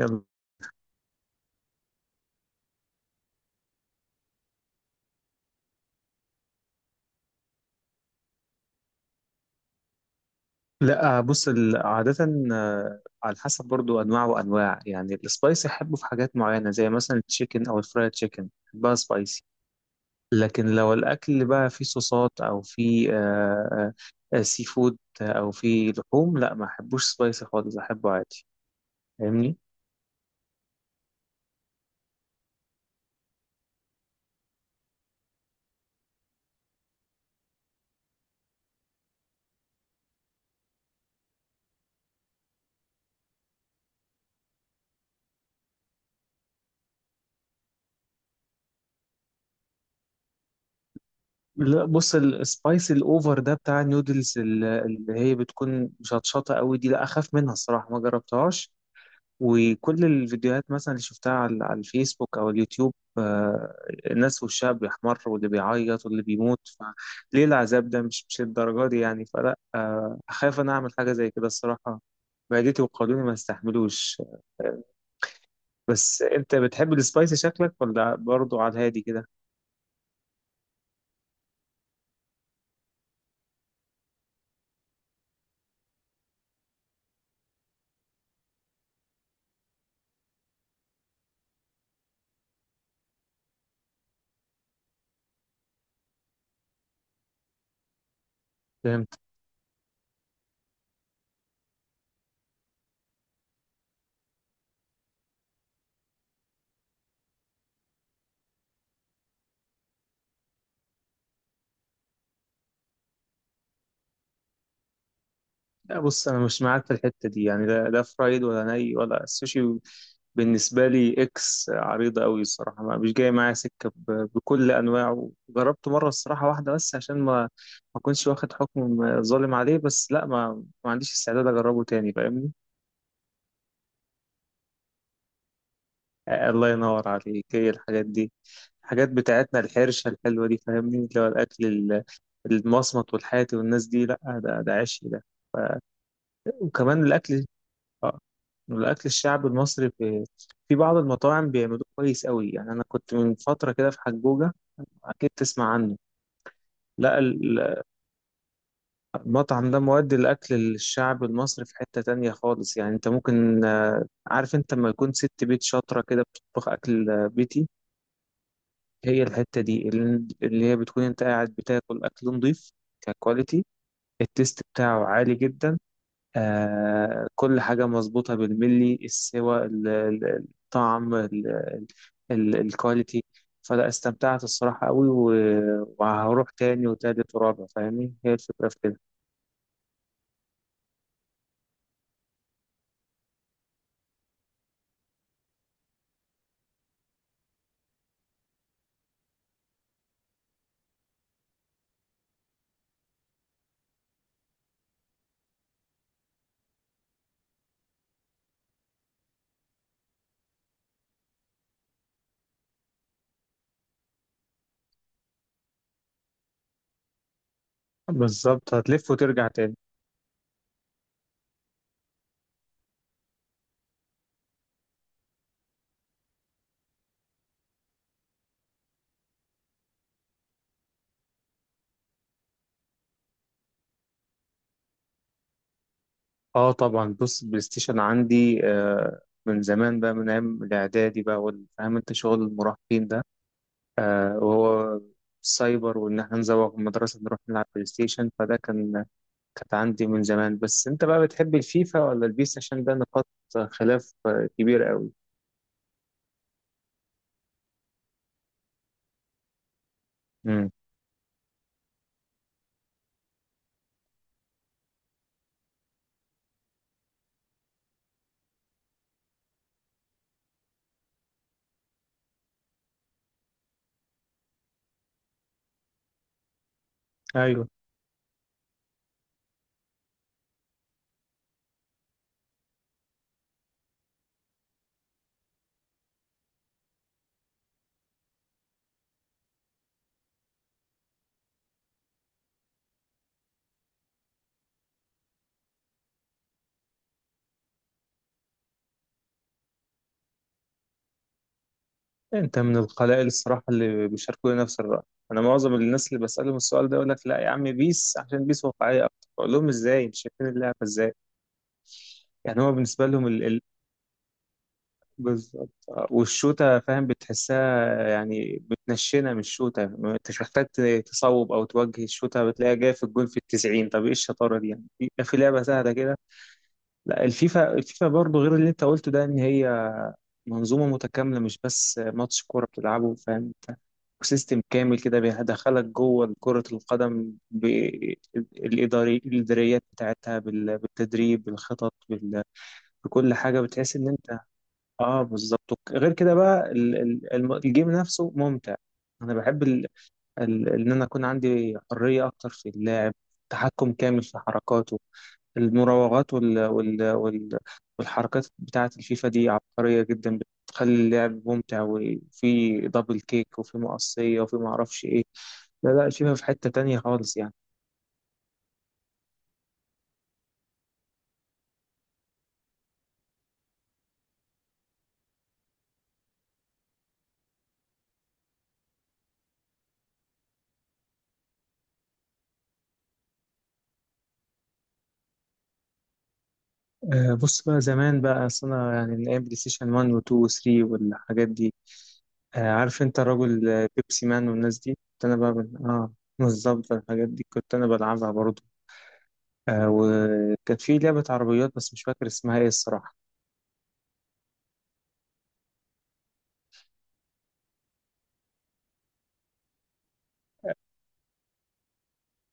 يلا لا، بص عادة. على حسب برضو أنواع وأنواع، يعني السبايسي أحبه في حاجات معينة زي مثلا التشيكن أو الفرايد تشيكن بقى سبايسي. لكن لو الأكل بقى فيه صوصات أو فيه سي فود أو فيه لحوم، لا ما أحبوش سبايسي خالص، أحبه عادي. فاهمني؟ لا بص، السبايسي الأوفر ده بتاع النودلز اللي هي بتكون مشطشطة قوي دي، لا أخاف منها الصراحة، ما جربتهاش. وكل الفيديوهات مثلا اللي شفتها على الفيسبوك او اليوتيوب، الناس وشها بيحمر واللي بيعيط واللي بيموت. فليه العذاب ده؟ مش الدرجه دي يعني، فلا، اخاف انا اعمل حاجه زي كده الصراحه. معدتي وقولوني ما استحملوش. آه، بس انت بتحب السبايسي شكلك، ولا برضو على الهادي كده؟ لا بص، انا مش معاك في الحته دي يعني، لا لا فرايد ولا ني ولا السوشي. بالنسبه لي اكس عريضه قوي الصراحه، ما مش جاي معايا سكه، بكل انواعه جربته مره الصراحه واحده بس عشان ما، ما كنتش واخد حكم ظالم عليه، بس لا، ما عنديش استعداد اجربه تاني. فاهمني؟ الله ينور عليك، هي الحاجات دي. الحاجات بتاعتنا الحرشه الحلوه دي فاهمني، اللي هو الاكل المصمت والحاتي والناس دي، لا. ده عشي ده. وكمان الاكل، اه الاكل الشعبي المصري في بعض المطاعم بيعملوه كويس قوي يعني. انا كنت من فتره كده في حجوجه، اكيد تسمع عنه. لا المطعم ده مودي الاكل الشعبي المصري في حته تانية خالص يعني. انت ممكن، عارف انت لما يكون ست بيت شاطره كده بتطبخ اكل بيتي، هي الحته دي اللي هي بتكون انت قاعد بتاكل اكل نضيف. ككواليتي التيست بتاعه عالي جدا، آه، كل حاجة مظبوطة بالملي، السوى الطعم الكواليتي. فلا، استمتعت الصراحة قوي، وهروح تاني وتالت ورابع فاهمني، هي الفكرة في كده. بالظبط، هتلف وترجع تاني. اه طبعا، بص البلاي ستيشن عندي من زمان بقى، من ايام الاعدادي بقى، فاهم انت شغل المراهقين ده، وهو السايبر، وان احنا نزوق من المدرسة نروح نلعب بلاي ستيشن. فده كانت عندي من زمان. بس انت بقى بتحب الفيفا ولا البيس؟ عشان ده نقاط خلاف كبير قوي. امم، ايوه، انت من القلائل الصراحه اللي بيشاركوني نفس الراي. انا معظم الناس اللي بسالهم السؤال ده يقول لك لا يا عم، بيس عشان بيس واقعيه اكتر. بقول لهم ازاي؟ مش شايفين اللعبه ازاي يعني؟ هو بالنسبه لهم ال... ال... بالظبط. والشوته فاهم بتحسها يعني، بتنشنه من الشوته، ما انتش محتاج تصوب او توجه الشوته، بتلاقيها جايه في الجول في التسعين. طب ايه الشطاره دي يعني في لعبه سهله كده؟ لا، الفيفا برضه غير اللي انت قلته ده، ان هي منظومه متكامله، مش بس ماتش كوره بتلعبه. فاهم انت، وسيستم كامل كده بيدخلك جوه كره القدم، بالاداري الاداريات بتاعتها، بالتدريب، بالخطط، بكل حاجه. بتحس ان انت، اه، بالظبط. غير كده بقى الجيم نفسه ممتع. انا بحب ان انا اكون عندي حريه اكتر في اللاعب، تحكم كامل في حركاته، المراوغات وال... وال... وال... والحركات بتاعه الفيفا دي عبقريه جدا، بتخلي اللعب ممتع، وفي دبل كيك وفي مقصيه وفي ما اعرفش ايه. لا لا، الفيفا في حته تانية خالص يعني. بص بقى، زمان بقى، أصل انا يعني من ايام بلاي ستيشن 1 و2 و3 والحاجات دي، آه، عارف انت الراجل، بيبسي مان والناس دي كنت انا بقى من... اه، بالظبط، الحاجات دي كنت انا بلعبها برضه. وكانت في لعبة عربيات بس مش فاكر اسمها ايه الصراحة.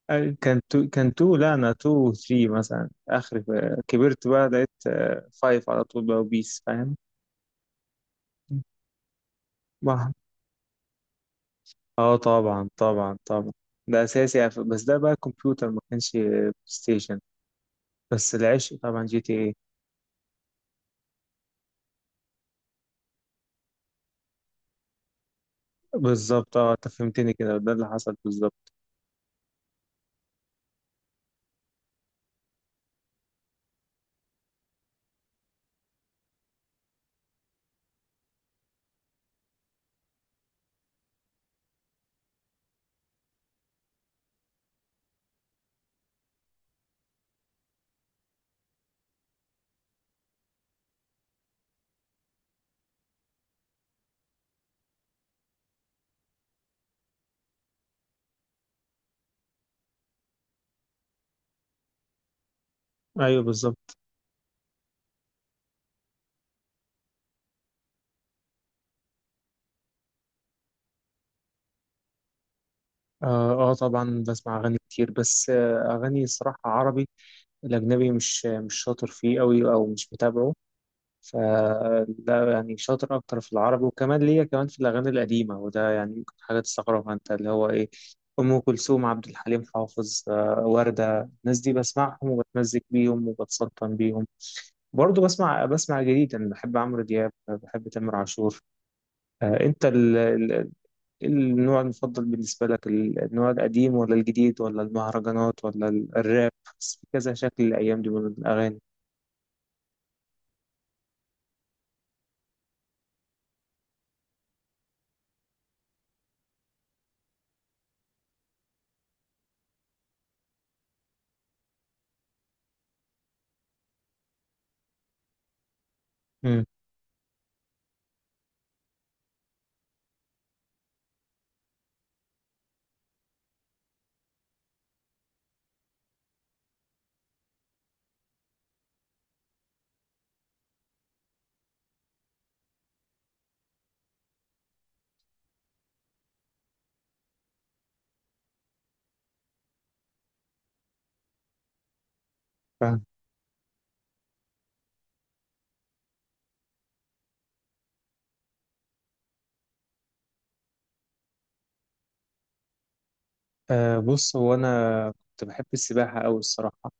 كان تو، لا انا تو وثري مثلا، اخر كبرت بقى لقيت فايف على طول بقى وبيس. فاهم؟ ما- اه طبعا طبعا طبعا، ده اساسي يعني. بس ده بقى كمبيوتر، ما كانش بلاي ستيشن. بس العشق طبعا جي تي ايه. بالظبط، اه، انت فهمتني كده، ده اللي حصل بالظبط. ايوه بالظبط. اه، طبعا بسمع اغاني كتير، بس اغاني الصراحه عربي. الاجنبي مش شاطر فيه قوي او مش متابعه. فده يعني شاطر أكتر في العربي، وكمان ليا كمان في الأغاني القديمة، وده يعني ممكن حاجة تستغربها أنت، اللي هو إيه، أم كلثوم، عبد الحليم حافظ، وردة، الناس دي بسمعهم وبتمزج بيهم وبتسلطن بيهم. برضه بسمع جديد، أنا بحب عمرو دياب، بحب تامر عاشور. أنت إيه النوع المفضل بالنسبة لك؟ النوع القديم ولا الجديد ولا المهرجانات ولا الراب؟ بس في كذا شكل الأيام دي من الأغاني. مم. أه بص، هو أنا كنت بحب السباحة أوي الصراحة،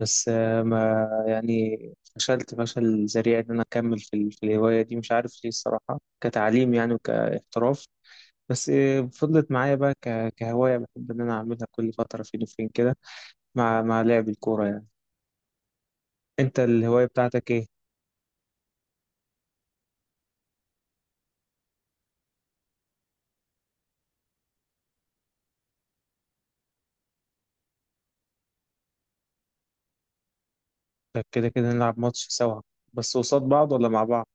بس أه، ما يعني، فشلت فشل ذريع إن أنا أكمل في، في الهواية دي، مش عارف ليه الصراحة، كتعليم يعني وكاحتراف. بس فضلت معايا بقى كهواية، بحب إن أنا أعملها كل فترة فين وفين كده، مع لعب الكورة يعني. أنت الهواية بتاعتك إيه؟ طب كده كده نلعب ماتش سوا، بس قصاد بعض ولا مع بعض؟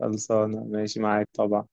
خلصانة، ماشي معاك طبعا.